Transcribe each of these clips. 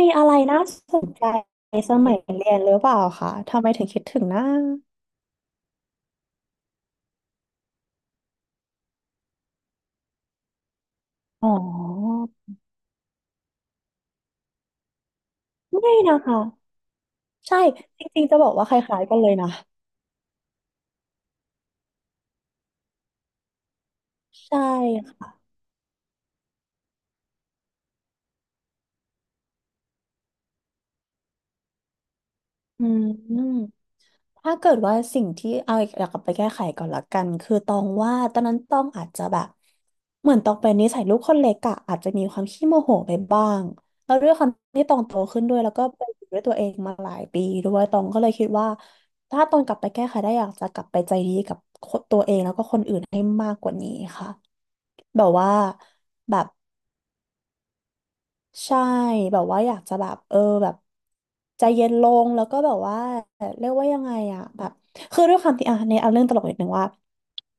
มีอะไรน่าสนใจสมัยเรียนหรือเปล่าคะทำไมถึงคิดถึงนะ อ๋อ ไม่นะคะ ใช่ จริงๆจะบอกว่าคล้ายๆกันเลยนะ ใช่ค่ะอืม ถ้าเกิดว่าสิ่งที่เอาอีกากกลับไปแก้ไขก่อนละกันคือตองว่าตอนนั้นตองอาจจะแบบเหมือนตองเป็นนิสัยลูกคนเล็กอะอาจจะมีความขี้โมโหไปบ้างแล้วด้วยความที่ตองโตขึ้นด้วยแล้วก็ไปอยู่ด้วยตัวเองมาหลายปีด้วยตองก็เลยคิดว่าถ้าตองกลับไปแก้ไขได้อยากจะกลับไปใจดีกับคนตัวเองแล้วก็คนอื่นให้มากกว่านี้ค่ะแบบว่าแบบ ใช่แบบว่าอยากจะแบบแบบใจเย็นลงแล้วก็แบบว่าเรียกว่ายังไงอะแบบคือด้วยความที่อ่ะในเอาเรื่องตลกนิดนึงว่า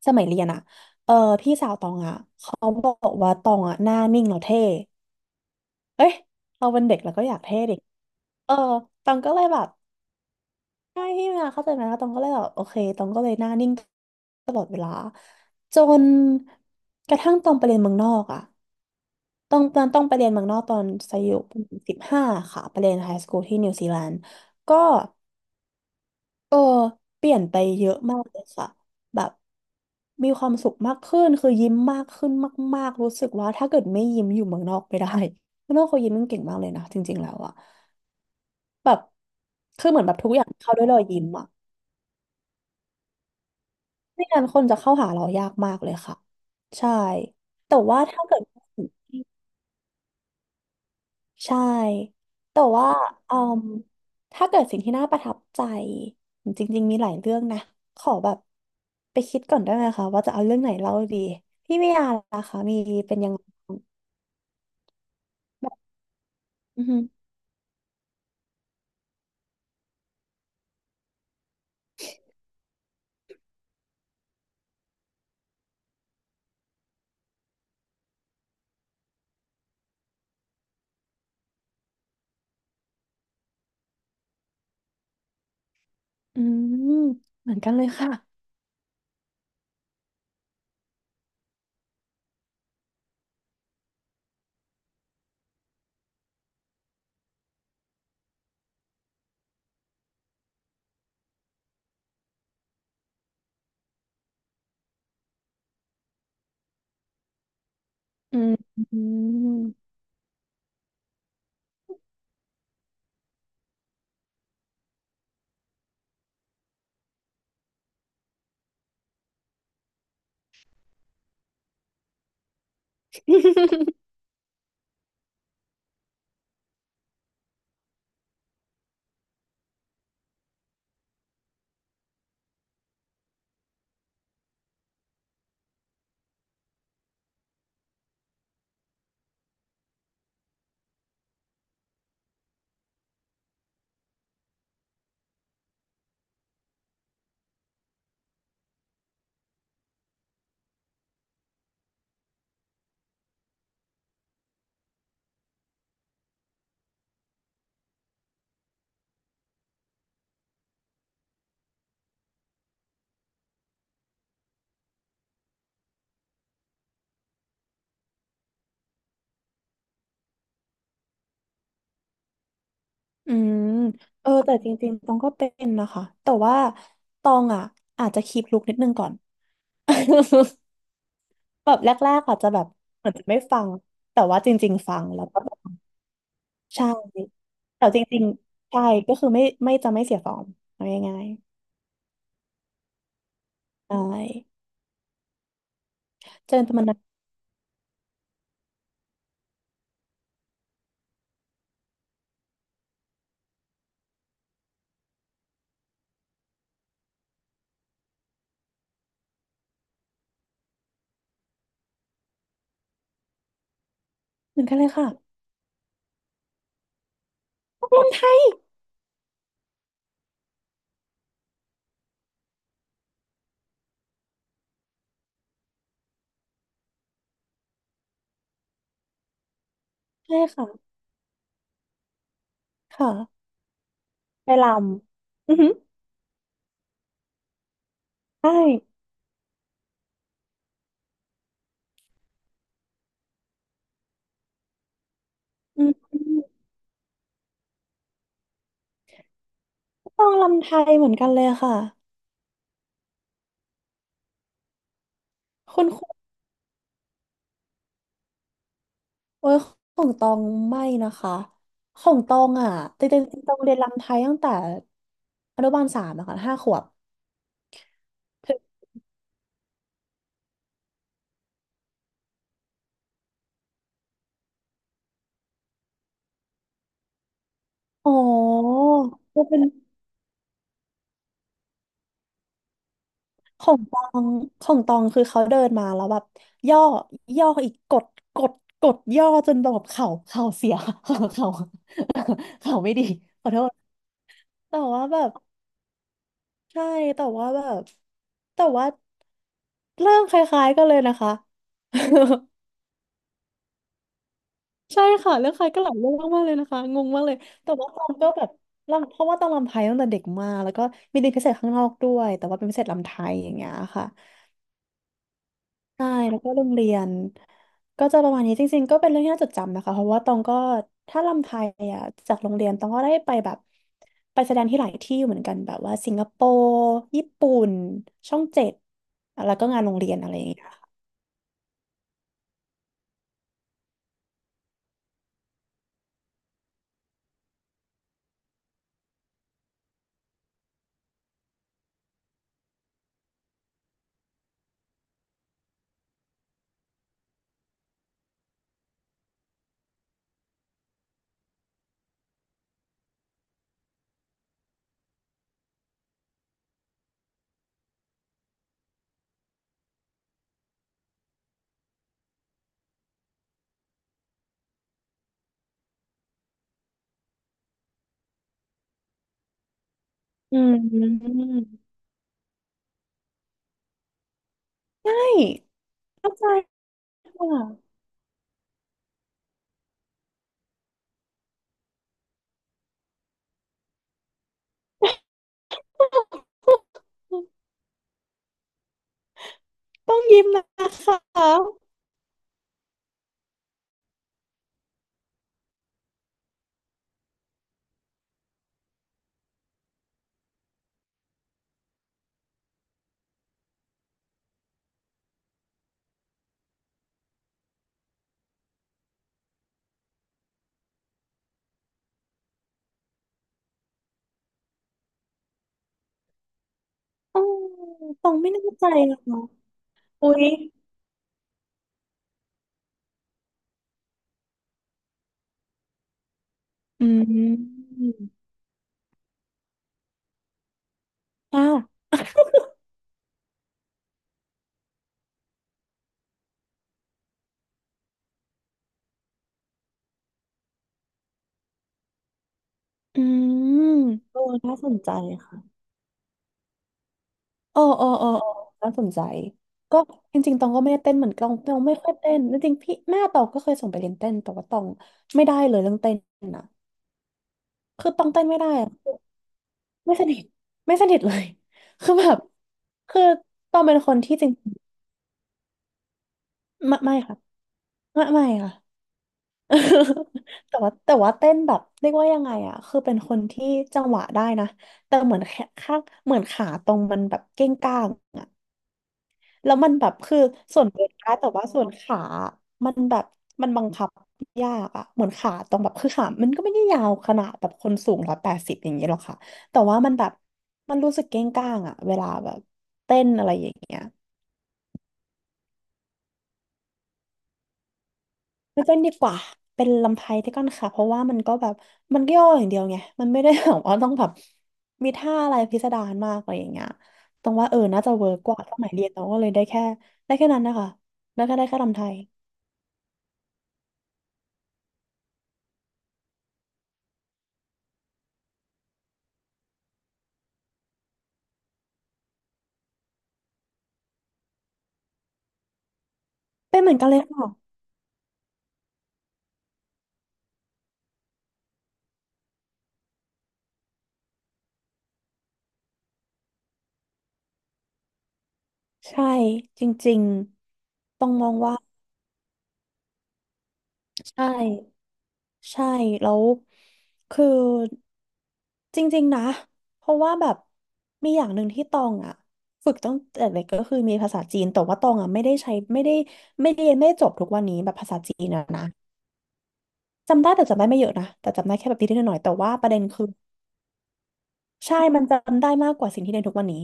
สมัยเรียนอะเออพี่สาวตองอะเขาบอกว่าตองอะหน้านิ่งแล้วเท่เอ้ยเราเป็นเด็กแล้วก็อยากเท่ดิเออตองก็เลยแบบใช่พี่มาเข้าใจไหมแล้วตองก็เลยแบบโอเคตองก็เลยหน้านิ่งตลอดเวลาจนกระทั่งตองไปเรียนเมืองนอกอะ ต้องตอนต้องไปเรียนเมืองนอกตอนอายุสิบห้าค่ะไปเรียนไฮสคูลที่นิวซีแลนด์ก็เออเปลี่ยนไปเยอะมากเลยค่ะแบบมีความสุขมากขึ้นคือยิ้มมากขึ้นมากๆรู้สึกว่าถ้าเกิดไม่ยิ้มอยู่เมืองนอกไม่ได้ เมืองนอกเขายิ้มกันเก่งมากเลยนะจริงๆแล้วอะแบบคือเหมือนแบบทุกอย่างเข้าด้วยรอยยิ้มอะไม่งั้นคนจะเข้าหาเรายากมากเลยค่ะใช่แต่ว่าถ้าเกิด ใช่ แต่ว่าเอ่ืมถ้าเกิดสิ่งที่น่าประทับใจจริงๆ มีหลายเรื่องนะขอแบบไปคิดก่อนได้ไหมคะว่าจะเอาเรื่องไหนเล่าดีพี่เมียาล่ะคะมีเป็นยังไงบ้างแบบอือหืออืมเหมือนกันเลยค่ะอืมอืมอืมเออแต่จริงๆตองก็เป็นนะคะ แต่ว่าตองอ่ะอาจจะคีปลุกนิดนึงก่อน แบบแรกๆอาจจะแบบเหมือนจะไม่ฟังแต่ว่าจริงๆฟังแล้วก็ ใช่แต่จริงๆใช่ก็คือไม่ไม่จะไม่เสียฟอร์มเอาง่ายๆใช่เจอกันมันนั้นเหมือนกันเลยค่ะนักรำไทยใช่ค่ะค่ะไปลำอือหือใช่อืมตองลำไทยเหมือนกันเลยค่ะคุณครูโอ้ยของตองไม่นะคะของตองอ่ะจริงๆตองเรียนลำไทยตั้งแต่อนุบาลสามอะค่ะ5 ขวบอ๋อก็เป็น ของตองของตองคือเขาเดินมาแล้วแบบย่อย่ออีกกดกดกดย่อจนแบบเข่าเข่าเสีย เข่าเข่าเข่าไม่ดีขอโทษแต่ว่าแบบใช่แต่ว่าแบบแต่ว่าเรื่องคล้ายๆกันเลยนะคะ ใช่ค่ะเรื่องคล้ายก็หลายเรื่องมากๆเลยนะคะงงมากเลยแต่ว่าตองก็แบบรำเพราะว่าตองรำไทยตั้งแต่เด็กมากแล้วก็มีเรียนพิเศษข้างนอกด้วยแต่ว่าเป็นพิเศษรำไทยอย่างเงี้ยค่ะ ใช่แล้วก็โรงเรียนก็จะประมาณนี้จริงๆก็เป็นเรื่องที่น่าจดจำนะคะเพราะว่าตองก็ถ้าลำไทยอ่ะจากโรงเรียนตองก็ได้ไปแบบไปแสดงที่หลายที่เหมือนกันแบบว่าสิงคโปร์ญี่ปุ่นช่อง 7แล้วก็งานโรงเรียนอะไรอย่างเงี้ยค่ะอืมใช่เข้าใจค่ะต้องยิ้มนะคะอ๋อตองไม่แน่ใจเลยเนาะอุ๊ยอืมอ่ะอืมโอ้น่าสนใจค่ะ เออน่าสนใจ ก็จริงๆตองก็ไม่ได้เต้นเหมือนกันตองไม่ค่อยเต้นจริงๆพี่แม่ตองก็เคยส่งไปเรียนเต้นแต่ว่าตองไม่ได้เลยเรื่องเต้นนะคือตองเต้นไม่ได้อะไม่สนิทไม่สนิทเลย คือแบบคือตองเป็นคนที่จริงไม่ไม่ค่ะไม่ไม่ค่ะ แต่ว่าแต่ว่าเต้นแบบเรียกว่ายังไงอะคือเป็นคนที่จังหวะได้นะแต่เหมือนแค่ข้างเหมือนขาตรงมันแบบเก้งก้าง แล้วมันแบบคือส่วนเวนได้แต่ว่าส่วนขา มันแบบมันบังคับยากอะเหมือนขาตรงแบบคือขามันก็ไม่ได้ยาวขนาดแบบคนสูง180อย่างเงี้ยหรอกค่ะแต่ว่ามันแบบมันรู้สึกเก้งก้างอะเวลาแบบเต้นอะไรอย่างเงี้ยไม่เต้นดีกว่าเป็นลำไทยที่ก้อนค่ะเพราะว่ามันก็แบบมันย่ออย่างเดียวไงมันไม่ได้แบบว่าต้องแบบมีท่าอะไรพิสดารมากอะไรอย่างเงี้ยตรงว่าน่าจะเวิร์กกว่าสมัยเรียนเราก็เลยได้แค่ได้แค่นั้นนะคะแล้วก็ได้แค่ลำไทยเป็นเหมือนกันเลยค่ะ ใช่จริงๆต้องมองว่าใช่ใช่แล้วคือจริงๆนะเพราะว่าแบบมีอย่างหนึ่งที่ตองอ่ะฝึกตั้งแต่เด็กก็คือมีภาษาจีนแต่ว่าตองอ่ะไม่ได้ใช้ไม่ได้ไม่ได้เรียนไม่ได้จบทุกวันนี้แบบภาษาจีนอะนะจำได้แต่จำได้ไม่เยอะนะแต่จำได้แค่แบบนิดๆหน่อยๆแต่ว่าประเด็นคือใช่มันจำได้มากกว่าสิ่งที่เรียนทุกวันนี้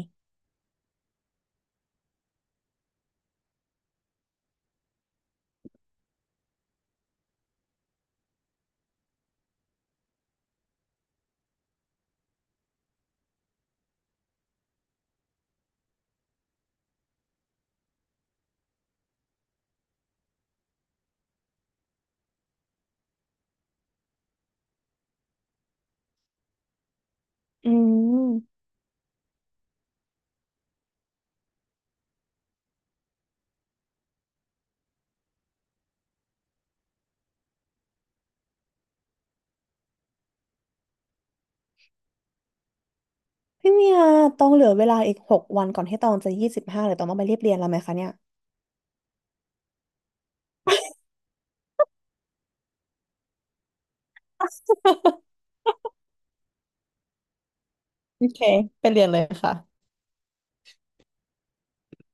อืมพี่เมียต้องเหลือเวลาอีก6 วันก่อนที่ตองจะ25หรือตองต้องไปรีบเรียนแล้วไหมคะเนี่ย โอเคไปเรียนเลยค่ะ